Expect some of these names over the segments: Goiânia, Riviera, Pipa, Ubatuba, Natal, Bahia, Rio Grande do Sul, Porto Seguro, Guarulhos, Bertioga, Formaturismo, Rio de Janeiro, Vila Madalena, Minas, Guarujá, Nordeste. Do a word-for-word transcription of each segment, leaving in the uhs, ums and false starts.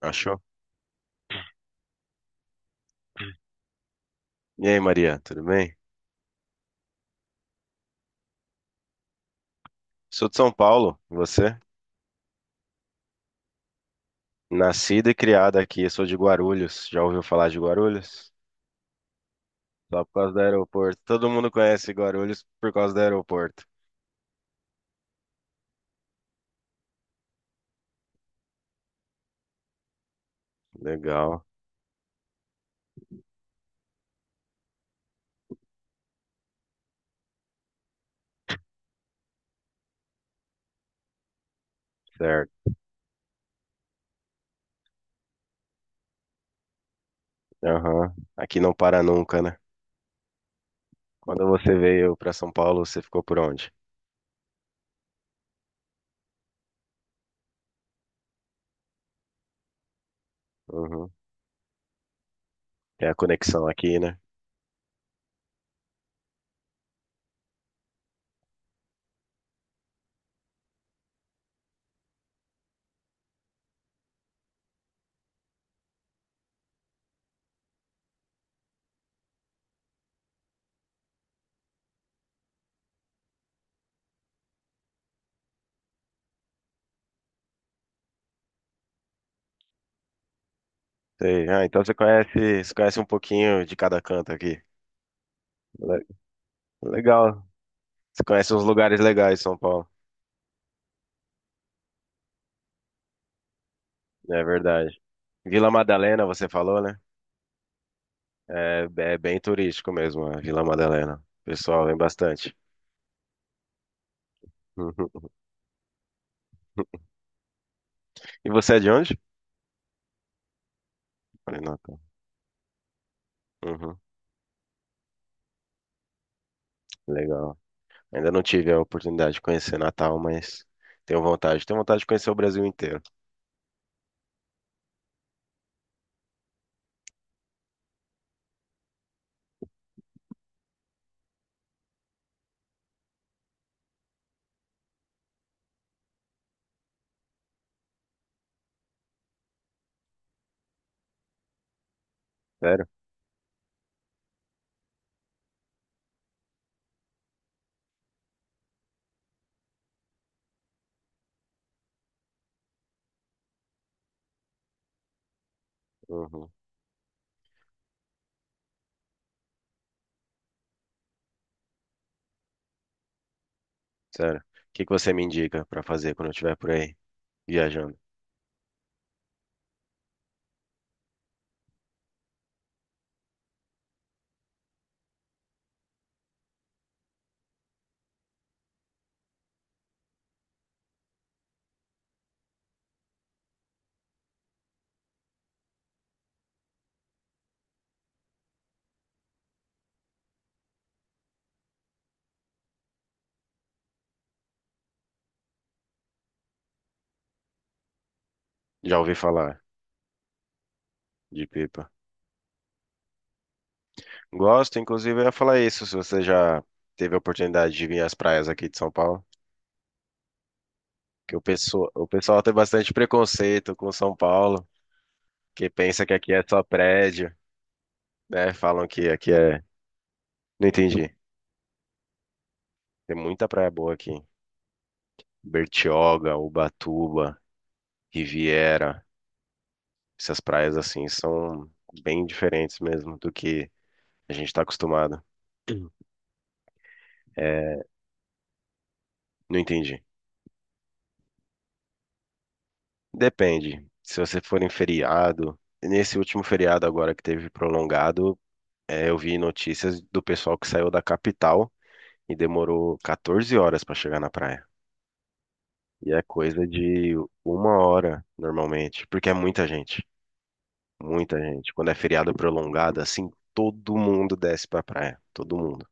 Achou? E aí, Maria, tudo bem? Sou de São Paulo, e você? Nascida e criada aqui, sou de Guarulhos. Já ouviu falar de Guarulhos? Só por causa do aeroporto. Todo mundo conhece Guarulhos por causa do aeroporto. Legal, certo. Aham. Aqui não para nunca, né? Quando você veio para São Paulo, você ficou por onde? Uhum. Tem a conexão aqui, né? Sei. Ah, então você conhece, você conhece um pouquinho de cada canto aqui. Le- Legal. Você conhece uns lugares legais em São Paulo. É verdade. Vila Madalena, você falou, né? É, é bem turístico mesmo, a Vila Madalena. O pessoal vem bastante. Uhum. E você é de onde? Falei, Natal. Uhum. Legal. Ainda não tive a oportunidade de conhecer Natal, mas tenho vontade. Tenho vontade de conhecer o Brasil inteiro. Sério? Uhum. Sério. O que que você me indica pra fazer quando eu estiver por aí viajando? Já ouvi falar de Pipa. Gosto, inclusive, eu ia falar isso, se você já teve a oportunidade de vir às praias aqui de São Paulo. Que o pessoal, o pessoal tem bastante preconceito com São Paulo, que pensa que aqui é só prédio, né? Falam que aqui é. Não entendi. Tem muita praia boa aqui. Bertioga, Ubatuba, Riviera. Essas praias assim são bem diferentes mesmo do que a gente está acostumado. É, não entendi. Depende. Se você for em feriado, nesse último feriado agora que teve prolongado, é, eu vi notícias do pessoal que saiu da capital e demorou quatorze horas para chegar na praia. E é coisa de uma hora normalmente, porque é muita gente, muita gente. Quando é feriado prolongado, assim, todo mundo desce pra praia, todo mundo.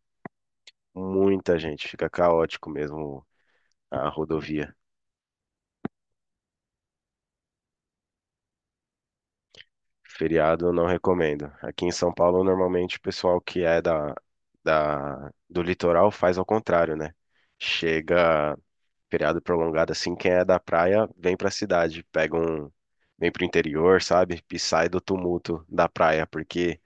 Muita gente, fica caótico mesmo a rodovia. Feriado eu não recomendo. Aqui em São Paulo, normalmente o pessoal que é da, da, do litoral faz ao contrário, né? Chega feriado prolongado assim, quem é da praia vem pra cidade, pega um, vem pro interior, sabe? E sai do tumulto da praia, porque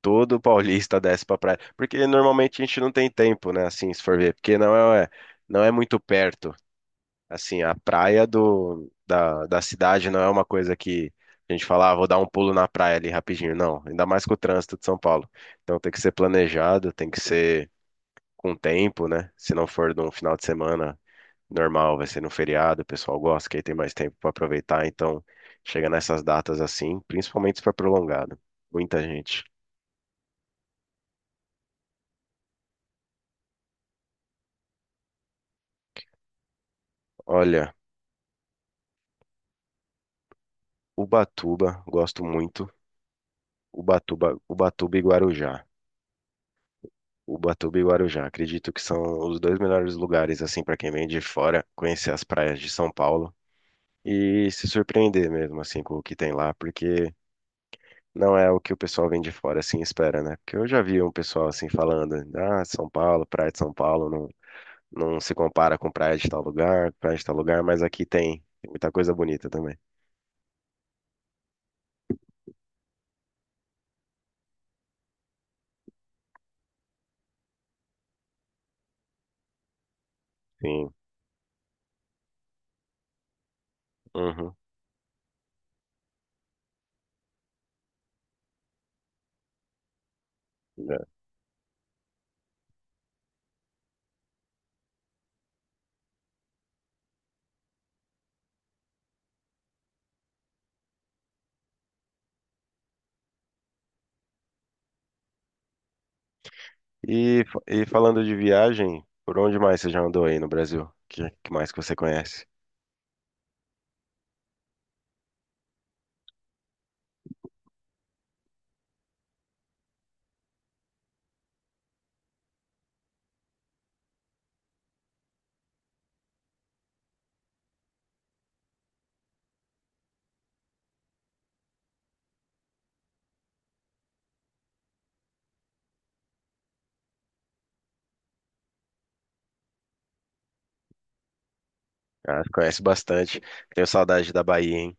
todo paulista desce pra praia. Porque normalmente a gente não tem tempo, né? Assim, se for ver, porque não é, é, não é muito perto. Assim, a praia do, da, da cidade não é uma coisa que a gente fala, ah, vou dar um pulo na praia ali rapidinho. Não, ainda mais com o trânsito de São Paulo. Então tem que ser planejado, tem que ser com tempo, né? Se não for de um final de semana normal, vai ser no feriado, o pessoal gosta, que aí tem mais tempo para aproveitar, então chega nessas datas assim, principalmente se for prolongado. Muita gente. Olha, Ubatuba, gosto muito. Ubatuba, Ubatuba e Guarujá. Ubatuba e Guarujá, acredito que são os dois melhores lugares assim para quem vem de fora conhecer as praias de São Paulo e se surpreender mesmo assim com o que tem lá, porque não é o que o pessoal vem de fora assim espera, né? Porque eu já vi um pessoal assim falando, ah, São Paulo, praia de São Paulo, não se compara com praia de tal lugar, praia de tal lugar, mas aqui tem muita coisa bonita também. Sim. Uhum. É. E, fa- e falando de viagem, por onde mais você já andou aí no Brasil? Que, que mais que você conhece? Ah, conhece bastante. Tenho saudade da Bahia, hein?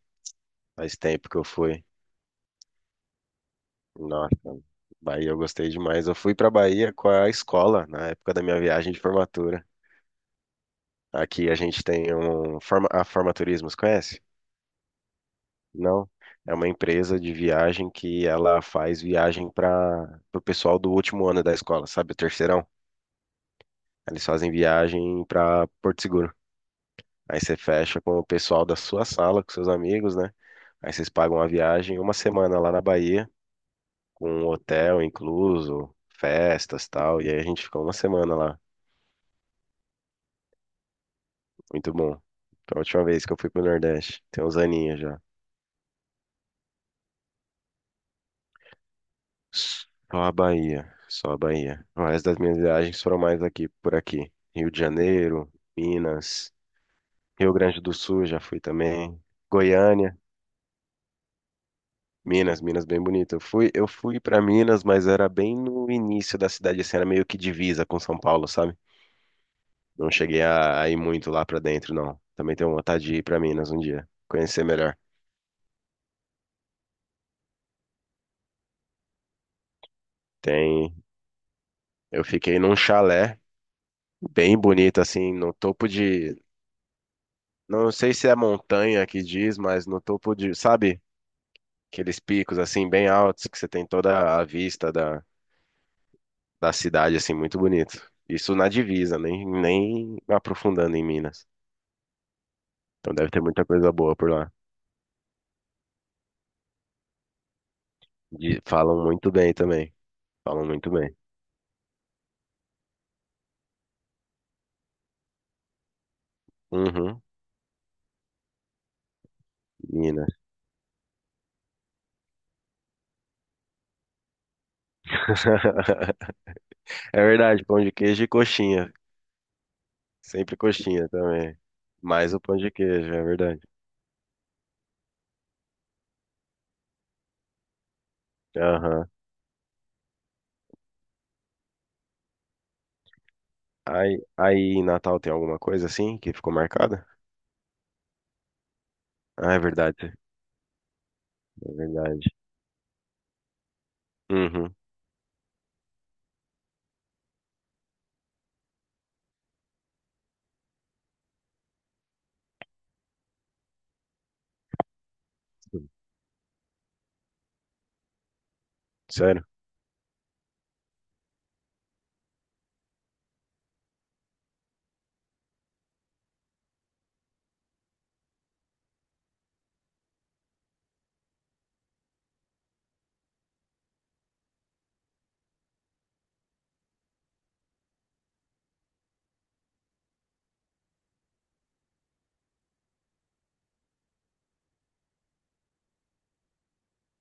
Faz tempo que eu fui. Nossa, Bahia eu gostei demais. Eu fui pra Bahia com a escola, na época da minha viagem de formatura. Aqui a gente tem um forma, a Formaturismo, você conhece? Não, é uma empresa de viagem que ela faz viagem para o pessoal do último ano da escola, sabe? O terceirão. Eles fazem viagem para Porto Seguro. Aí você fecha com o pessoal da sua sala, com seus amigos, né? Aí vocês pagam a viagem uma semana lá na Bahia, com um hotel incluso, festas e tal. E aí a gente ficou uma semana lá. Muito bom. Foi a última vez que eu fui pro Nordeste. Tem uns aninhos já. Só a Bahia, só a Bahia. O resto das minhas viagens foram mais aqui, por aqui. Rio de Janeiro, Minas, Rio Grande do Sul já fui também, Goiânia, Minas, Minas bem bonito. Eu fui, eu fui para Minas, mas era bem no início da cidade, assim, era meio que divisa com São Paulo, sabe? Não cheguei a, a ir muito lá pra dentro, não. Também tenho vontade de ir pra Minas um dia, conhecer melhor. Tem, eu fiquei num chalé bem bonito, assim, no topo de não sei se é montanha que diz, mas no topo de, sabe? Aqueles picos assim bem altos que você tem toda a vista da, da cidade assim muito bonito. Isso na divisa, nem nem aprofundando em Minas. Então deve ter muita coisa boa por lá. E falam muito bem também. Falam muito bem. Uhum, Minas. É verdade, pão de queijo e coxinha. Sempre coxinha também. Mais o pão de queijo, é verdade. Aham. Aí, aí em Natal tem alguma coisa assim que ficou marcada? Ah, é verdade. É verdade. Uhum. Sério?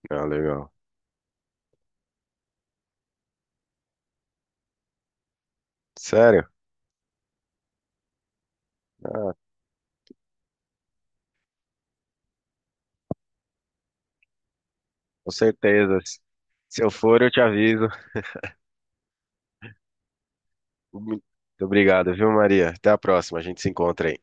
Ah, legal. Sério? Ah, com certeza. Se eu for, eu te aviso. Muito obrigado, viu, Maria? Até a próxima. A gente se encontra aí.